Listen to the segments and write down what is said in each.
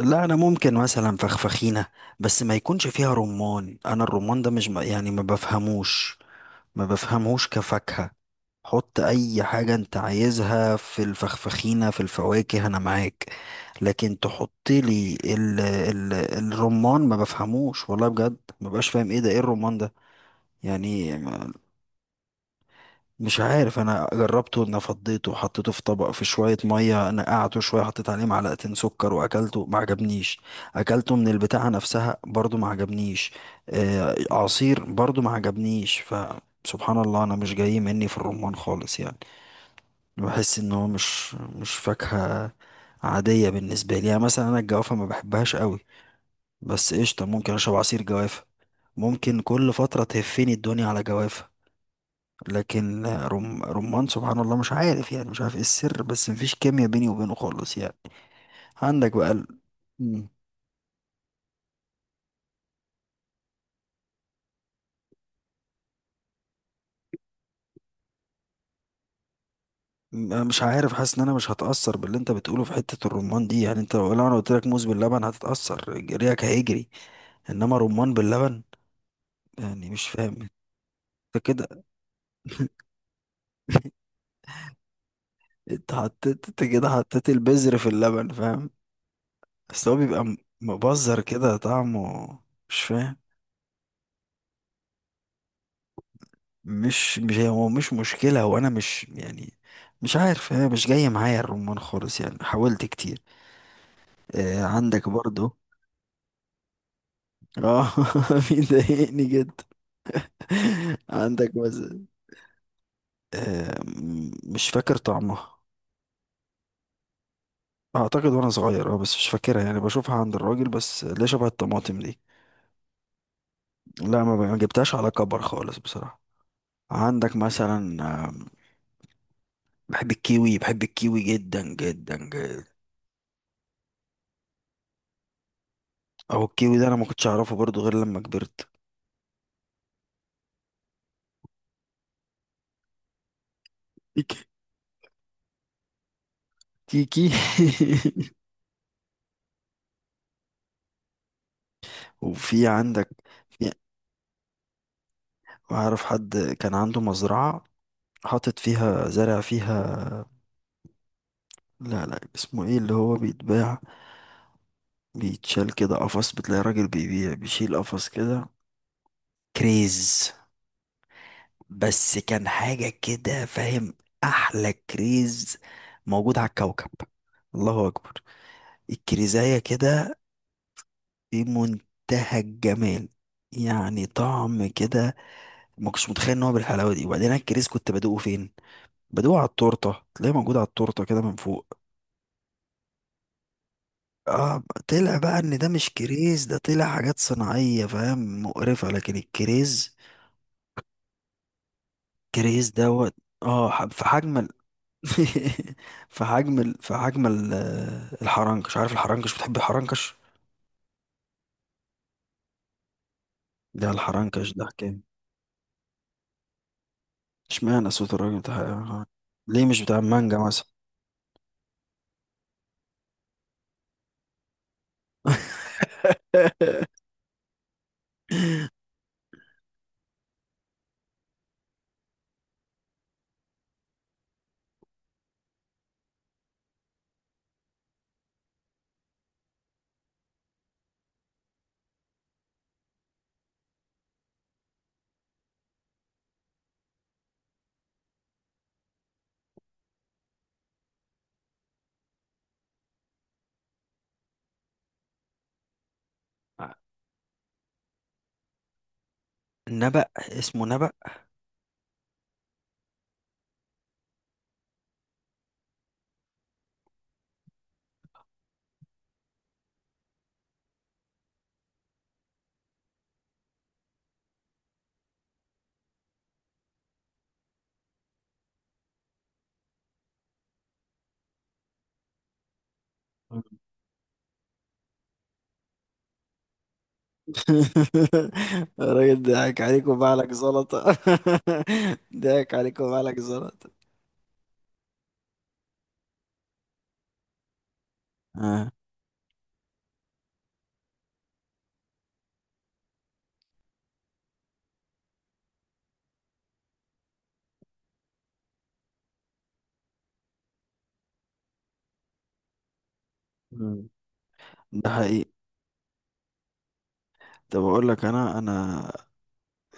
لا، انا ممكن مثلا فخفخينه، بس ما يكونش فيها رمان. انا الرمان ده مش م- يعني ما بفهموش، ما بفهمهوش كفاكهه. حط اي حاجه انت عايزها في الفخفخينه في الفواكه انا معاك، لكن تحط لي ال الرمان، ما بفهموش والله بجد. ما بقاش فاهم ايه ده، ايه الرمان ده يعني؟ مش عارف، انا جربته ان فضيته وحطيته في طبق في شويه ميه، نقعته شويه، حطيت عليه معلقتين سكر واكلته ما عجبنيش. اكلته من البتاعه نفسها برضو ما عجبنيش. آه، عصير برضو ما عجبنيش. فسبحان الله، انا مش جاي مني في الرمان خالص يعني. بحس ان هو مش فاكهه عاديه بالنسبه لي. يعني مثلا انا الجوافه ما بحبهاش قوي، بس قشطه ممكن اشرب عصير جوافه، ممكن كل فتره تهفني الدنيا على جوافه، لكن رمان سبحان الله مش عارف يعني، مش عارف ايه السر، بس مفيش كيمياء بيني وبينه خالص يعني. عندك بقى ال... مم. مش عارف، حاسس ان انا مش هتأثر باللي انت بتقوله في حتة الرمان دي. يعني انت لو انا قلت لك موز باللبن هتتأثر، ريقك هيجري، انما رمان باللبن يعني مش فاهم. انت كده انت حطيت، انت كده حطيت البذر في اللبن فاهم، بس هو بيبقى مبذر كده طعمه. مش فاهم، مش هو مش مشكلة، هو أنا مش يعني مش عارف، هي مش جاية معايا الرمان خالص يعني، حاولت كتير. آه، عندك برضو. اه بيضايقني جدا. عندك مثلا آه، مش فاكر طعمها. اعتقد وانا صغير، اه بس مش فاكرها يعني، بشوفها عند الراجل بس ليه شبه الطماطم دي. لا، ما جبتهاش على كبر خالص بصراحة. عندك مثلا آه، بحب الكيوي، بحب الكيوي جدا جدا جدا. او الكيوي ده انا ما كنتش اعرفه برضو غير لما كبرت. تيكي. وفي عندك، في، أعرف حد كان عنده مزرعة، حاطط فيها، زرع فيها، لا اسمه ايه اللي هو بيتباع، بيتشال كده قفص، بتلاقي راجل بيبيع بيشيل قفص كده، كريز. بس كان حاجة كده فاهم، أحلى كريز موجود على الكوكب. الله أكبر، الكريزاية كده في منتهى الجمال، يعني طعم كده ما كنتش متخيل ان هو بالحلاوه دي. وبعدين أنا الكريز كنت بدوقه فين؟ بدوق على التورته، تلاقيه موجود على التورته كده من فوق. اه طلع بقى ان ده مش كريز، ده طلع حاجات صناعيه فاهم مقرفه، لكن الكريز كريز دوت. اه في حجم ال... في حجم ال... في حجم ال... الحرنكش، عارف الحرنكش، بتحب الحرنكش؟ ده الحرنكش ده حكاية. اشمعنى صوت الراجل بتاع الحرنكش؟ ليه مش بتاع المانجا مثلا؟ نبأ، اسمه نبأ. الراجل ضحك عليك وبعلك زلطة. ضحك عليك وبعلك زلطة. آه. مم. ده حقيقي. طب اقول لك، انا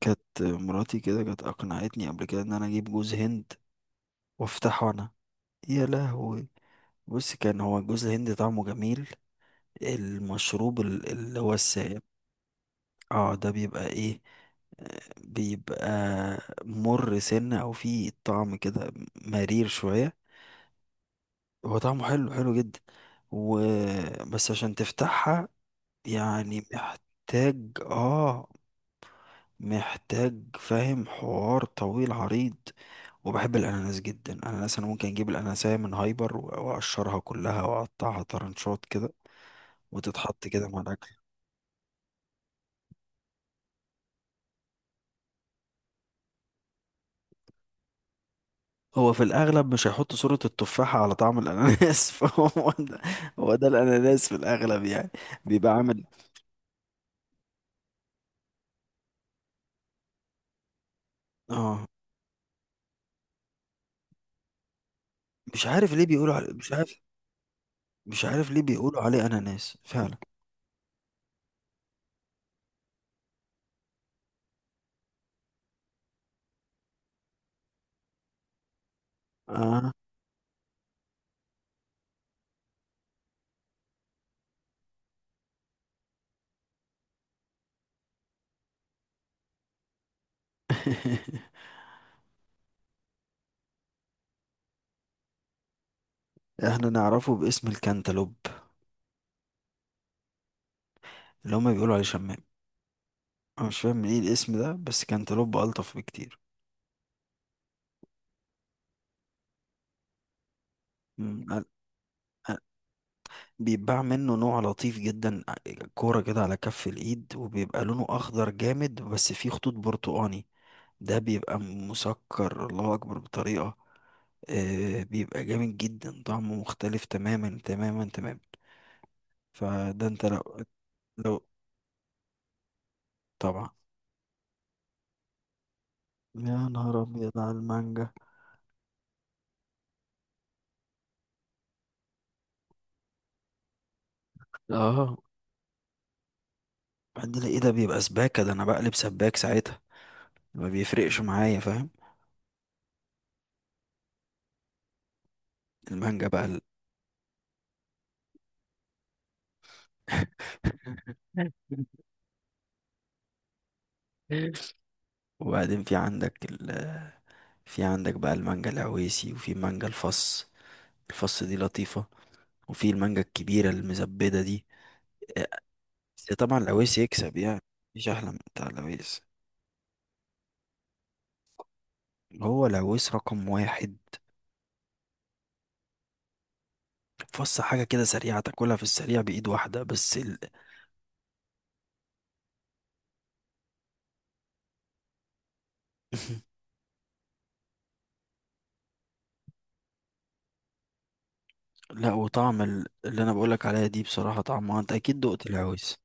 كانت مراتي كده كانت اقنعتني قبل كده ان انا اجيب جوز هند وافتحه انا. يا لهوي، بص، كان هو جوز الهند طعمه جميل، المشروب اللي هو السائل. اه، ده بيبقى ايه، آه، بيبقى مر سنة او فيه طعم كده، مرير شوية. هو طعمه حلو حلو جدا، و، بس عشان تفتحها يعني محتاج اه، محتاج فاهم حوار طويل عريض. وبحب الاناناس جدا، الاناناس انا ممكن اجيب الاناناسية من هايبر واقشرها كلها واقطعها طرنشات كده وتتحط كده مع الاكل. هو في الاغلب مش هيحط صورة التفاحة على طعم الاناناس فهو ده، هو ده الاناناس في الاغلب يعني. بيبقى عامل، اه مش عارف ليه بيقولوا على... مش عارف، مش عارف ليه بيقولوا عليه اناناس فعلا. اه احنا نعرفه باسم الكنتالوب، اللي هما بيقولوا عليه شمام. انا مش فاهم من ايه الاسم ده، بس كنتالوب الطف بكتير. مم، ال... ال... بيتباع منه نوع لطيف جدا، كورة كده على كف الايد، وبيبقى لونه اخضر جامد بس فيه خطوط برتقاني. ده بيبقى مسكر الله اكبر بطريقة، آه بيبقى جامد جدا، طعمه مختلف تماما تماما تماما. فده انت لو، لو، طبعا. يا نهار ابيض على المانجا. اه عندنا ايه، ده بيبقى سباكة، ده انا بقلب سباك ساعتها، ما بيفرقش معايا فاهم. المانجا بقى ال... وبعدين في عندك ال... في عندك بقى المانجا العويسي وفي مانجا الفص، الفص دي لطيفة، وفي المانجا الكبيرة المزبدة دي. آه، بس طبعا العويس يكسب يعني، مفيش أحلى من بتاع العويس. هو العويس رقم واحد. فص حاجة كده سريعة تاكلها في السريع بإيد واحدة بس ال... لا وطعم اللي أنا بقولك عليها دي بصراحة طعمها، أنت أكيد دقت العويس.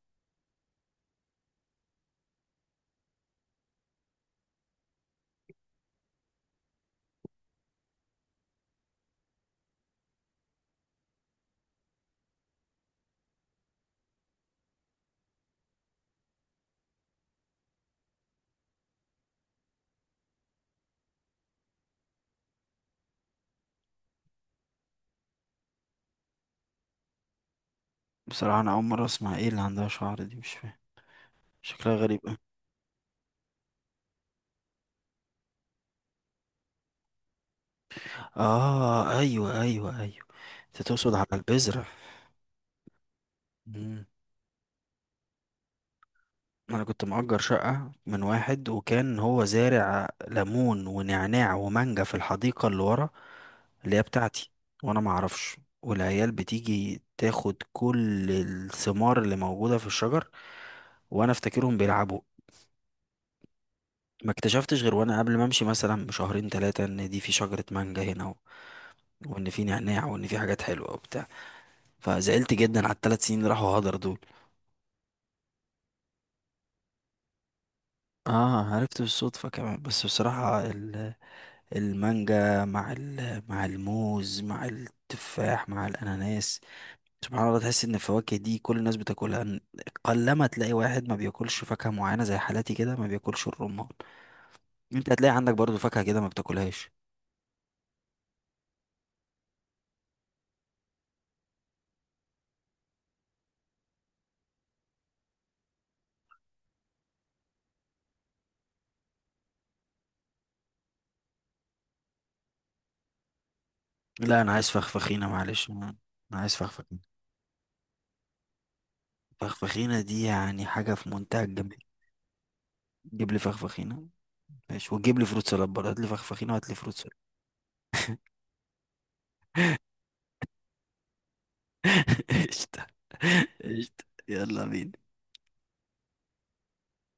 بصراحة أنا أول مرة أسمع، إيه اللي عندها شعر دي؟ مش فاهم، شكلها غريب أوي. آه، أيوه أيوه أيوه، أنت تقصد على البذرة. مم. أنا كنت مأجر شقة من واحد، وكان هو زارع ليمون ونعناع ومانجا في الحديقة اللي ورا اللي هي بتاعتي، وأنا معرفش، والعيال بتيجي تاخد كل الثمار اللي موجودة في الشجر وأنا أفتكرهم بيلعبوا. ما اكتشفتش غير وأنا قبل ما أمشي مثلا بشهرين تلاتة إن دي في شجرة مانجا هنا، وان في نعناع، وان في حاجات حلوه وبتاع. فزعلت جدا على 3 سنين اللي راحوا هدر دول. اه عرفت بالصدفه كمان. بس بصراحه ال... المانجا مع ال... مع الموز مع التفاح مع الاناناس، سبحان الله تحس ان الفواكه دي كل الناس بتاكلها. قلما تلاقي واحد ما بياكلش فاكهه معينه زي حالاتي كده ما بياكلش الرمان. انت هتلاقي عندك برضو فاكهه كده ما بتاكلهاش. لا، انا عايز فخفخينه معلش. أنا عايز فخفخينه. فخفخينه دي يعني حاجه في منتهى الجمال. جيب لي فخفخينه. ماشي، وتجيب لي فروت سلاد برضه، هات لي فخفخينه وهات لي فروت سلاد. قشطة. قشطة، يلا بينا.